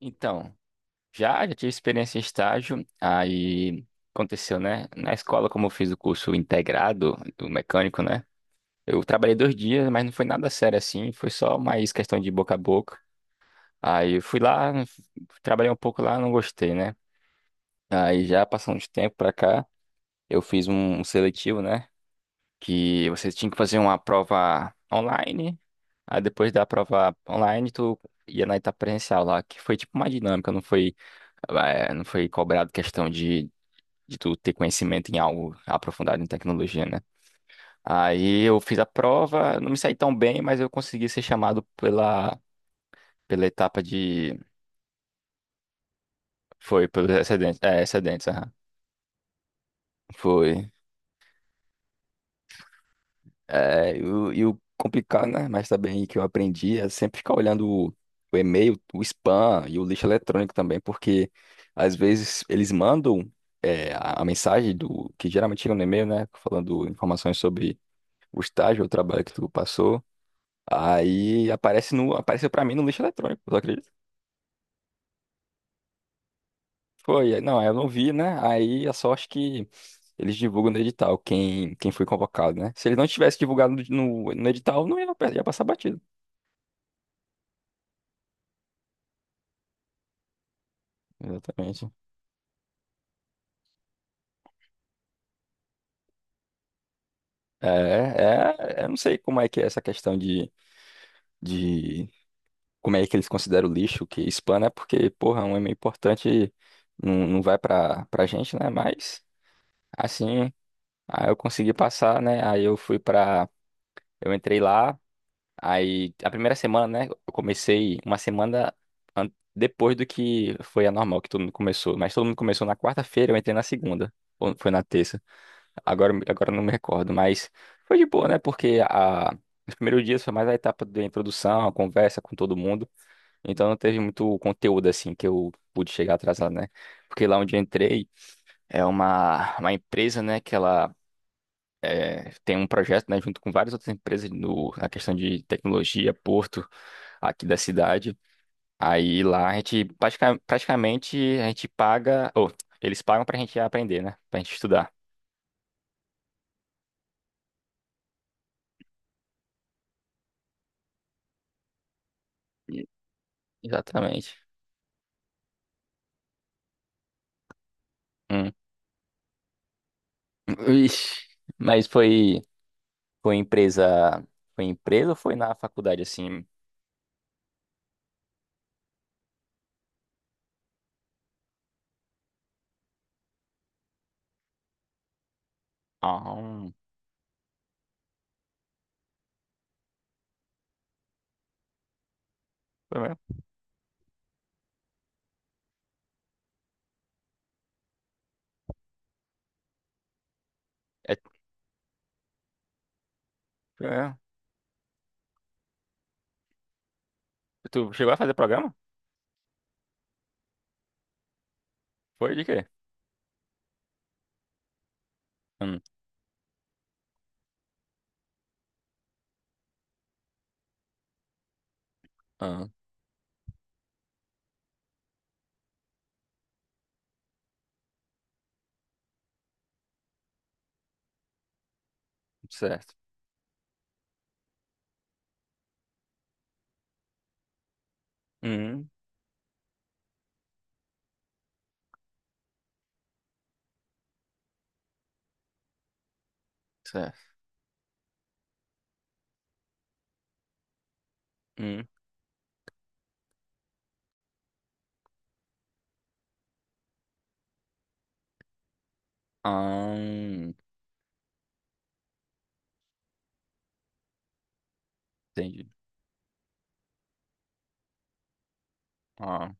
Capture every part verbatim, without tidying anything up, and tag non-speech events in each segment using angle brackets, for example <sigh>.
Então, já, já tive experiência em estágio, aí aconteceu, né? Na escola, como eu fiz o curso integrado do mecânico, né? Eu trabalhei dois dias, mas não foi nada sério assim, foi só mais questão de boca a boca. Aí eu fui lá, trabalhei um pouco lá, não gostei, né? Aí já passando de tempo pra cá, eu fiz um um seletivo, né? Que você tinha que fazer uma prova online. Aí depois da prova online, tu ia na etapa presencial lá, que foi tipo uma dinâmica. Não foi eh, não foi cobrado questão de, de tu ter conhecimento em algo aprofundado em tecnologia, né? Aí eu fiz a prova, não me saí tão bem, mas eu consegui ser chamado pela, pela etapa de. Foi, pelos excedentes. É, excedentes, aham. Foi. É, e o e o complicado, né? Mas também que eu aprendi é sempre ficar olhando o, o e-mail, o spam e o lixo eletrônico também, porque às vezes eles mandam. É, a a mensagem do que geralmente chega no e-mail, né, falando informações sobre o estágio, o trabalho que tu passou. Aí aparece no, apareceu pra mim no lixo eletrônico, tu acredita? Foi, aí- não, aí eu não vi, né? Aí a sorte que eles divulgam no edital quem, quem foi convocado, né? Se eles não tivessem divulgado no, no edital, não ia, ia passar batido. Exatamente. É, é, eu não sei como é que é essa questão de, de como é que eles consideram o lixo, que spam, né? Porque, porra, é um e-mail importante, não, não vai pra, pra gente, né? Mas, assim, aí eu consegui passar, né? Aí eu fui pra. Eu entrei lá, aí a primeira semana, né? Eu comecei uma semana an- depois do que foi a normal, que todo mundo começou. Mas todo mundo começou na quarta-feira, eu entrei na segunda. Ou foi na terça. Agora, agora eu não me recordo, mas foi de boa, né? Porque a, os primeiros dias foi mais a etapa da introdução, a conversa com todo mundo. Então não teve muito conteúdo assim que eu pude chegar atrasado, né? Porque lá onde eu entrei é uma, uma empresa, né? Que ela é, tem um projeto, né, junto com várias outras empresas no, na questão de tecnologia, porto aqui da cidade. Aí lá a gente pratica- praticamente a gente paga, ou eles pagam pra gente aprender, né? Pra gente estudar. E- Exatamente. Hum. Ixi, mas foi foi empresa, foi empresa ou foi na faculdade assim? Ah, hum. Foi mesmo? É, foi mesmo? Tu chegou a fazer programa? Foi de quê? Hum, ah, certo. Hum, certo. Hum. Ah, entendi. Ah,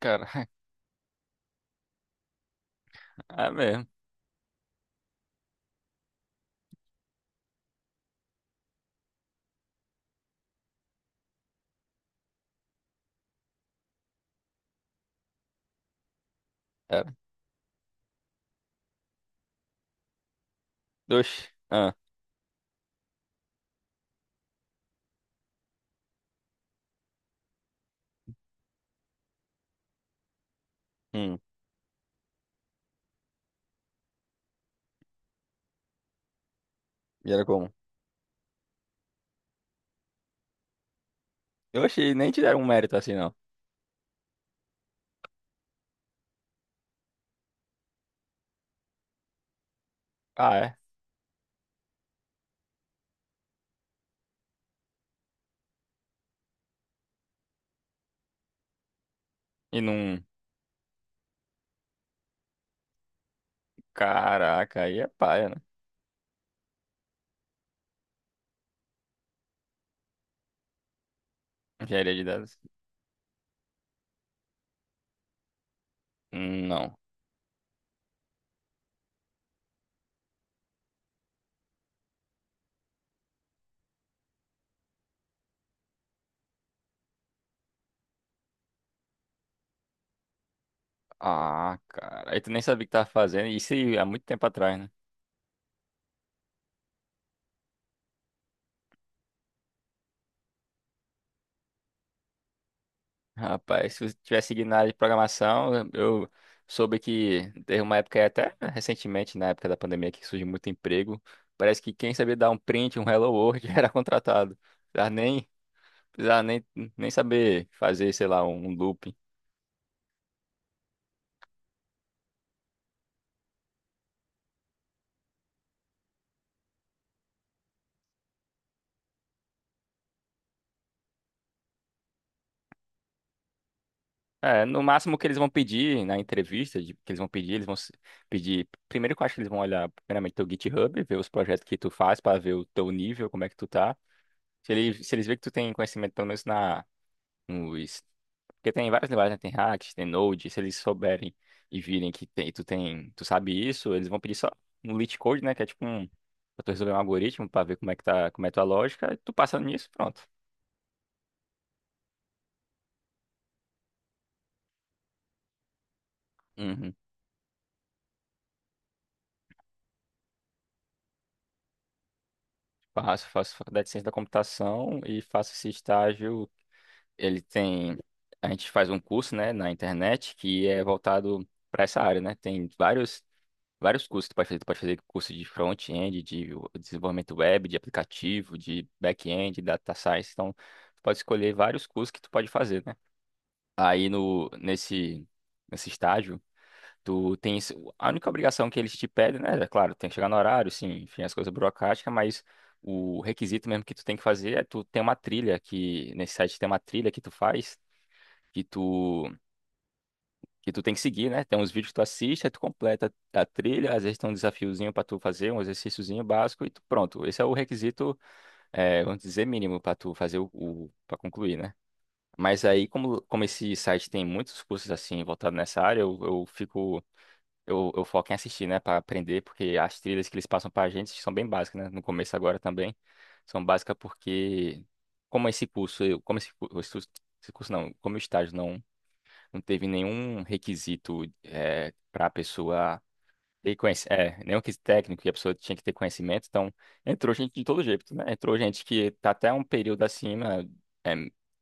cara, <laughs> é mesmo. Cara. Oxi. Ah, hum. E era como? Oxi, nem te deram um mérito assim, não. Ah, é? E num caraca, aí é paia, né? Engenharia de dados. Hum, Não. Ah, cara. Aí tu nem sabia o que tava fazendo. Isso aí há muito tempo atrás, né? Rapaz, se eu tivesse seguido na área de programação, eu eu soube que teve uma época, aí, até recentemente, na época da pandemia, que surgiu muito emprego. Parece que quem sabia dar um print, um Hello World, <laughs> era contratado. Tá nem precisar nem, nem saber fazer, sei lá, um loop. É, no máximo que eles vão pedir na entrevista, de- que eles vão pedir, eles vão se- pedir. Primeiro que eu acho que eles vão olhar, primeiramente, teu GitHub, ver os projetos que tu faz para ver o teu nível, como é que tu tá. Se eles, se eles verem que tu tem conhecimento, pelo menos na, nos. Porque tem várias linguagens, né? Tem React, tem Node. Se eles souberem e virem que tem, tu tem, tu sabe isso, eles vão pedir só um leet code, né? Que é tipo um. Pra tu resolver um algoritmo pra ver como é que tá, como é a tua lógica, e tu passa nisso, pronto. Uhum. Faço, faço faculdade de ciência da computação e faço esse estágio. Ele tem. A gente faz um curso, né, na internet que é voltado para essa área, né? Tem vários, vários cursos que tu pode fazer. Tu pode fazer curso de front-end, de desenvolvimento web, de aplicativo, de back-end, data science. Então, tu pode escolher vários cursos que tu pode fazer, né? Aí no, nesse, nesse estágio. Tu tens a única obrigação que eles te pedem, né? É claro, tem que chegar no horário, sim, enfim, as coisas burocráticas, mas o requisito mesmo que tu tem que fazer é tu tem uma trilha que nesse site tem uma trilha que tu faz, que tu que tu tem que seguir, né? Tem uns vídeos que tu assiste, aí tu completa a trilha, às vezes tem um desafiozinho pra tu fazer, um exercíciozinho básico e tu, pronto. Esse é o requisito, é, vamos dizer, mínimo pra tu fazer o, o para concluir, né? Mas aí, como, como esse site tem muitos cursos assim voltados nessa área, eu, eu fico eu, eu foco em assistir, né, pra aprender, porque as trilhas que eles passam pra gente são bem básicas, né, no começo agora também, são básicas porque, como esse curso, eu, como esse, cu- esse esse curso não, como o estágio não, não teve nenhum requisito é, para a pessoa e conhece, é, nenhum que técnico e a pessoa tinha que ter conhecimento, então entrou gente de todo jeito, né? Entrou gente que tá até um período acima é,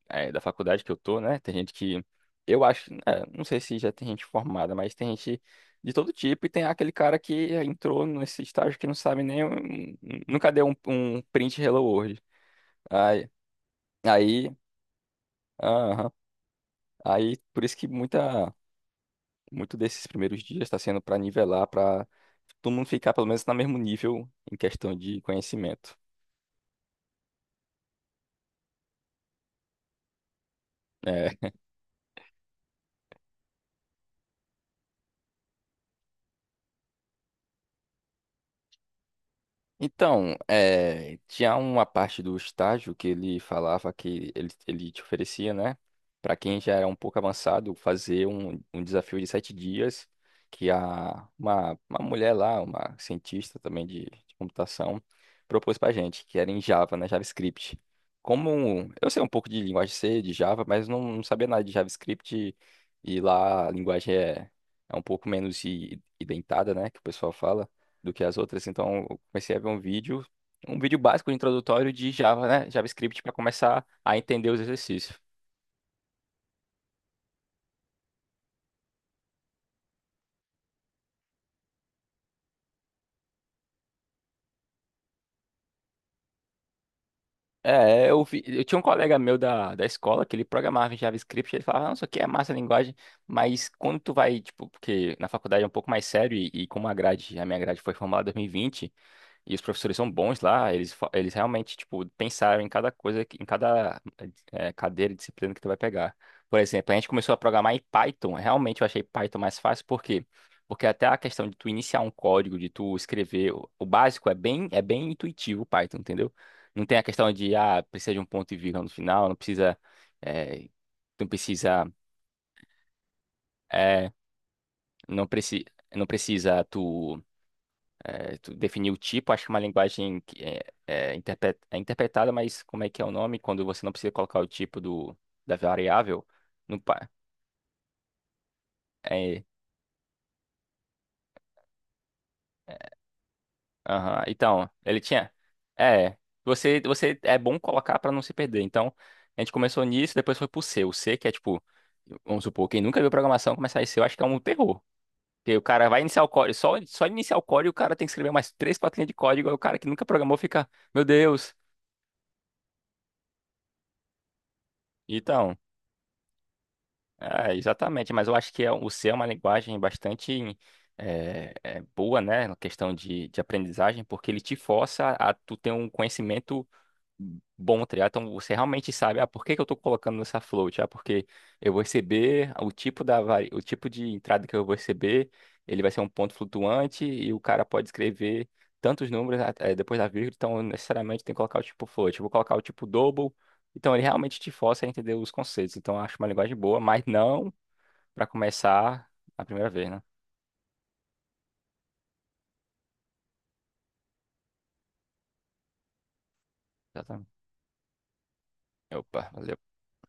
é, da faculdade que eu tô, né? Tem gente que, eu acho, é, não sei se já tem gente formada, mas tem gente de todo tipo e tem aquele cara que entrou nesse estágio que não sabe nem, um- nunca deu um, um print Hello World. Aí, aí, aham, aí por isso que muita. Muito desses primeiros dias está sendo para nivelar, para todo mundo ficar pelo menos no mesmo nível em questão de conhecimento. Né? Então, eh, tinha uma parte do estágio que ele falava que ele, ele te oferecia, né? Para quem já era um pouco avançado, fazer um, um desafio de sete dias que a, uma, uma mulher lá, uma cientista também de, de computação, propôs para gente, que era em Java, né? JavaScript. Como eu sei um pouco de linguagem C, de Java, mas não, não sabia nada de JavaScript e lá a linguagem é, é um pouco menos i- identada, né? Que o pessoal fala do que as outras. Então, eu comecei a ver um vídeo, um vídeo básico introdutório de Java, né? JavaScript para começar a entender os exercícios. É, eu vi, eu tinha um colega meu da, da escola que ele programava em JavaScript. Ele falava, não, isso aqui é massa a linguagem, mas quando tu vai, tipo, porque na faculdade é um pouco mais sério e, e como a grade, a minha grade foi formada em dois mil e vinte. E os professores são bons lá, eles, fa- eles realmente, tipo, pensaram em cada coisa, que- em cada eh, cadeira e disciplina que tu vai pegar. Por exemplo, a gente começou a programar em Python. Realmente eu achei Python mais fácil, por quê? Porque até a questão de tu iniciar um código, de tu escrever, o o básico é bem, é bem intuitivo o Python, entendeu? Não tem a questão de, ah, precisa de um ponto e vírgula no final, não precisa, eh, não precisa, eh, não preci, não precisa tu é, tu definir o tipo, acho que é uma linguagem que é, é, interpre- é interpretada, mas como é que é o nome? Quando você não precisa colocar o tipo do, da variável no pa- é, aham. Então, ele tinha. É, você, você é bom colocar para não se perder. Então, a gente começou nisso, depois foi pro C. O C, que é tipo, vamos supor, quem nunca viu programação começar em C, eu acho que é um terror. Porque o cara vai iniciar o código, só, só iniciar o código, o cara tem que escrever mais três, quatro linhas de código, aí o cara que nunca programou fica, meu Deus. Então. É, exatamente, mas eu acho que é- um, o C é uma linguagem bastante é, é, boa, né, na questão de, de aprendizagem, porque ele te força a tu ter um conhecimento bom triar, então você realmente sabe, ah, por que que eu estou colocando nessa float? Ah, porque eu vou receber o tipo da vari... o tipo de entrada que eu vou receber, ele vai ser um ponto flutuante e o cara pode escrever tantos números ah, eh, depois da vírgula, então necessariamente tem que colocar o tipo float. Eu vou colocar o tipo double, então ele realmente te força a entender os conceitos. Então eu acho uma linguagem boa, mas não para começar a primeira vez, né? Exatamente. Opa, valeu.